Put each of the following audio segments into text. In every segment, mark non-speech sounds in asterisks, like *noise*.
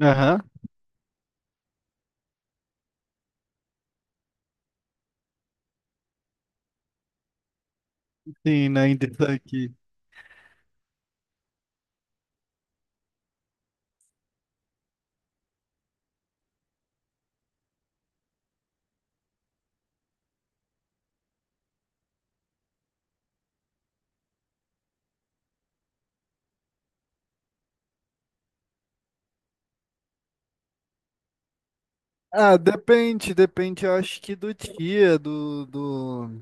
Aham, sim, né? Interessante. Ah, depende, depende, eu acho que do dia, do, do,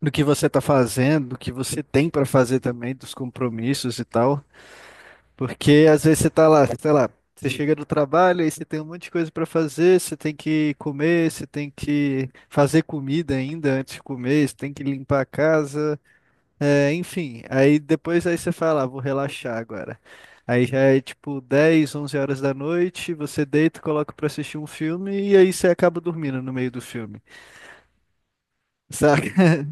do que você tá fazendo, do que você tem pra fazer também, dos compromissos e tal. Porque às vezes você tá lá, sei lá, você chega do trabalho e você tem um monte de coisa pra fazer, você tem que comer, você tem que fazer comida ainda antes de comer, você tem que limpar a casa. É, enfim, aí depois aí você fala, ah, vou relaxar agora. Aí já é tipo 10, 11 horas da noite, você deita, coloca pra assistir um filme e aí você acaba dormindo no meio do filme, saca? *laughs*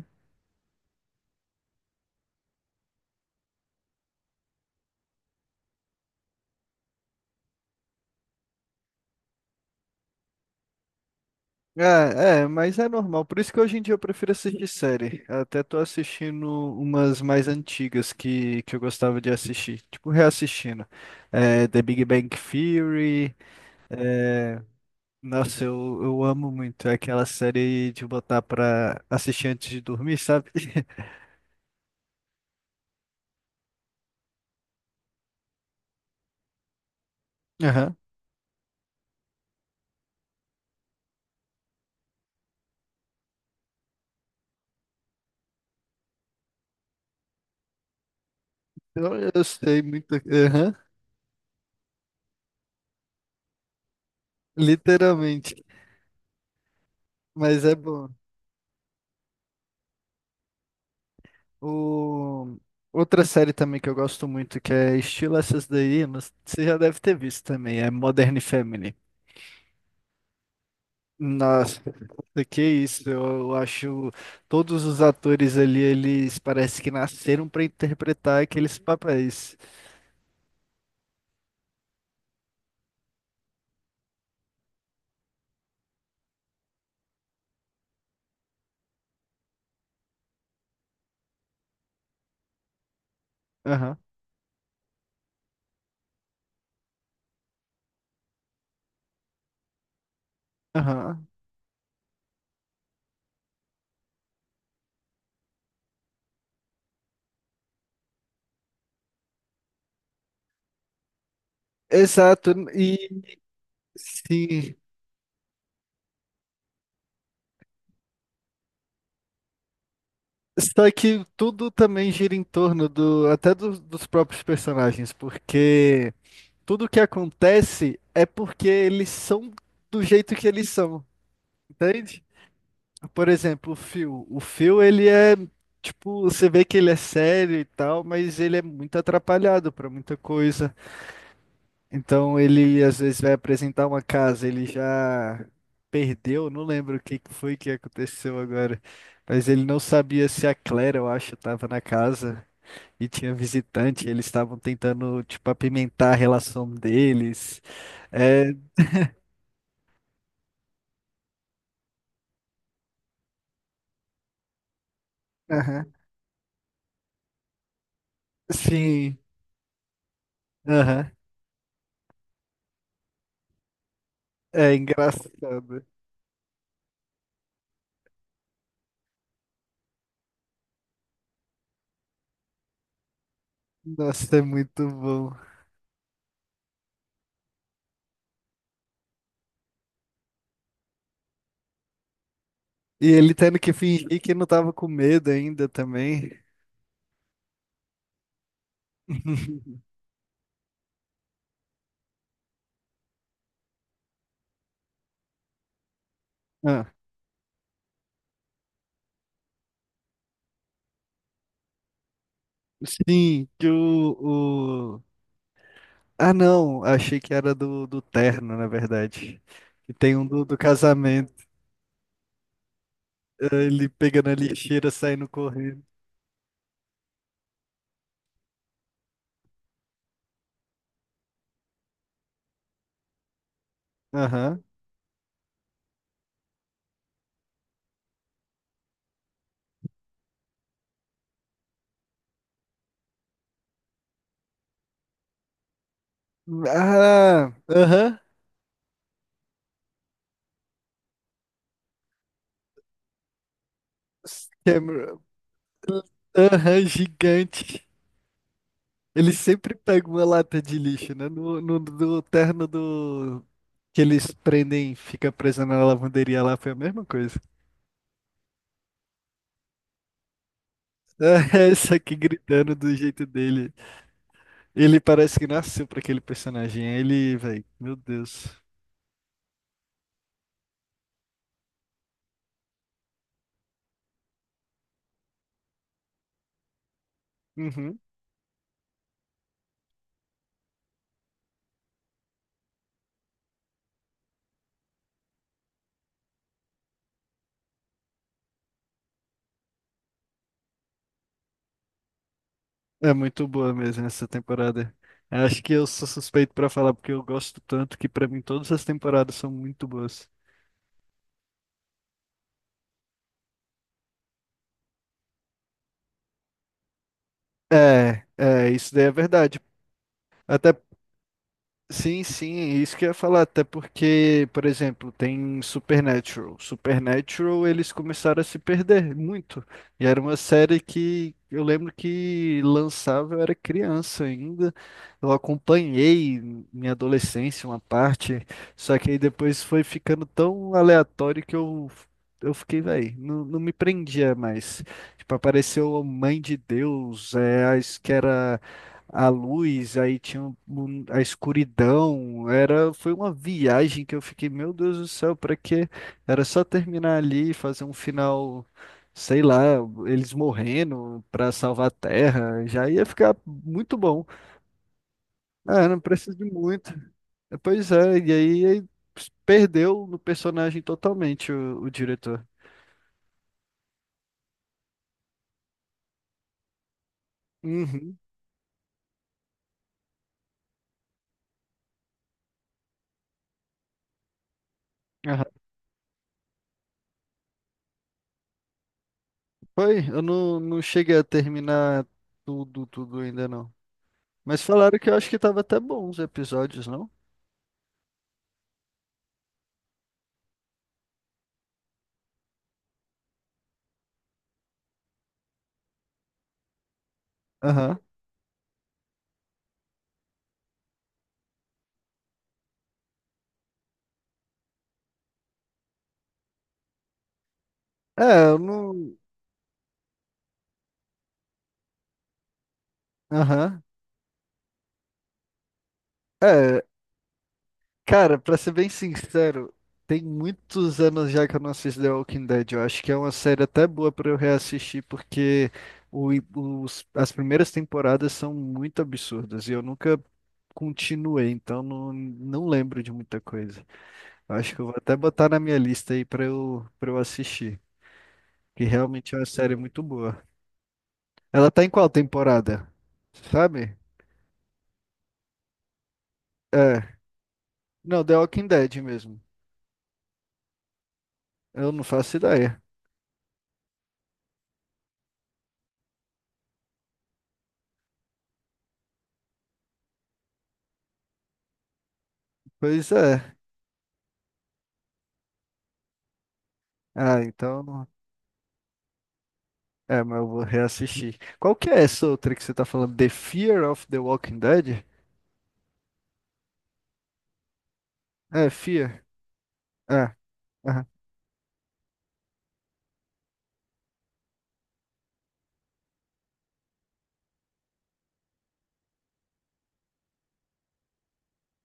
Ah, é, mas é normal. Por isso que hoje em dia eu prefiro assistir série. Até tô assistindo umas mais antigas que eu gostava de assistir, tipo reassistindo. É, The Big Bang Theory. Nossa, eu amo muito. É aquela série de botar pra assistir antes de dormir, sabe? *laughs* Aham. Eu sei muito. Aham, literalmente. Mas é bom. O... Outra série também que eu gosto muito, que é estilo essas daí, mas você já deve ter visto também, é Modern Family. Nossa, que isso, eu acho todos os atores ali, eles parece que nasceram para interpretar aqueles papéis. Aham, aham. Exato, e sim. Só que tudo também gira em torno do, até dos próprios personagens, porque tudo que acontece é porque eles são do jeito que eles são, entende? Por exemplo, o Phil. O Phil, ele é, tipo, você vê que ele é sério e tal, mas ele é muito atrapalhado pra muita coisa. Então, ele às vezes vai apresentar uma casa, ele já perdeu, não lembro o que que foi que aconteceu agora, mas ele não sabia se a Claire, eu acho, tava na casa. E tinha visitante, eles estavam tentando, tipo, apimentar a relação deles. É. Aham. Sim. Aham. É engraçado. Nossa, é muito bom. E ele tendo que fingir que não tava com medo ainda também. *laughs* Ah, sim. Ah, não, achei que era do terno, na verdade. Que tem um do casamento. Ah, ele pegando a lixeira, saindo correndo. Aham. Ah, aham. Câmera. Aham, gigante. Ele sempre pega uma lata de lixo, né? No terno do. Que eles prendem, fica preso na lavanderia lá, foi a mesma coisa. É, *laughs* isso aqui gritando do jeito dele. Ele parece que nasceu pra aquele personagem. Ele, velho, meu Deus. Uhum. É muito boa mesmo essa temporada. Acho que eu sou suspeito pra falar, porque eu gosto tanto que pra mim todas as temporadas são muito boas. É, isso daí é verdade. Até Sim, sim, é isso que eu ia falar, até porque, por exemplo, tem Supernatural. Supernatural, eles começaram a se perder muito. E era uma série que eu lembro que lançava, eu era criança ainda. Eu acompanhei minha adolescência, uma parte, só que aí depois foi ficando tão aleatório que eu fiquei, velho, não me prendia mais. Tipo, apareceu a Mãe de Deus, a, que era a luz, aí tinha a escuridão, era, foi uma viagem que eu fiquei, meu Deus do céu, pra quê? Era só terminar ali e fazer um final, sei lá, eles morrendo pra salvar a Terra, já ia ficar muito bom. Ah, não precisa de muito. Pois é, e aí perdeu no personagem totalmente o diretor. Uhum. Aham. Foi, eu não cheguei a terminar tudo, tudo ainda não. Mas falaram que eu acho que tava até bom os episódios, não? Aham. É, eu não. Aham. É, cara, pra ser bem sincero, tem muitos anos já que eu não assisto The Walking Dead. Eu acho que é uma série até boa pra eu reassistir, porque o, as primeiras temporadas são muito absurdas e eu nunca continuei, então não lembro de muita coisa. Eu acho que eu vou até botar na minha lista aí pra eu assistir, que realmente é uma série muito boa. Ela tá em qual temporada? Sabe? É. Não, The Walking Dead mesmo. Eu não faço ideia. Pois é. Ah, então. É, mas eu vou reassistir. Qual que é essa outra que você tá falando? The Fear of the Walking Dead? É, Fear. É. Aham.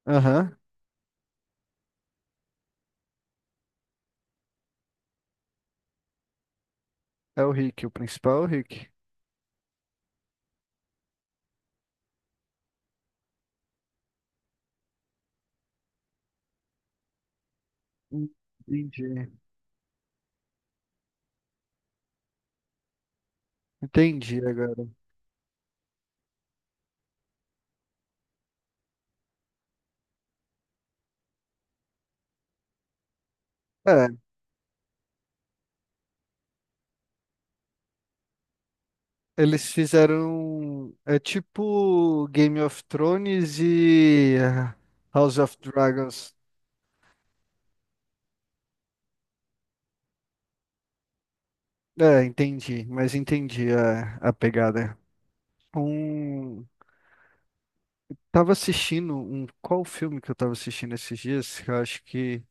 Aham. É o Rick, o principal é o Rick. Hum, Entendi. Entendi agora. É, eles fizeram. É tipo Game of Thrones e House of Dragons. É, entendi, mas entendi a pegada. Um, Tava assistindo qual filme que eu tava assistindo esses dias? Que eu acho que.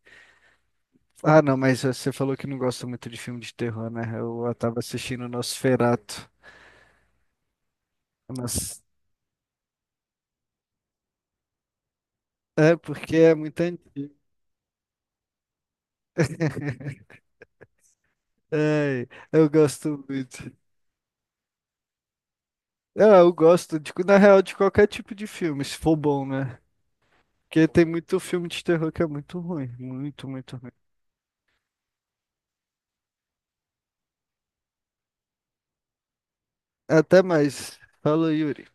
Ah, não, mas você falou que não gosta muito de filme de terror, né? Eu tava assistindo Nosferatu. Mas é porque é muito antigo. *laughs* Ai, eu gosto muito. Eu gosto de, na real, de qualquer tipo de filme, se for bom, né? Porque tem muito filme de terror que é muito ruim, muito, muito ruim. Até mais. Fala, Yuri.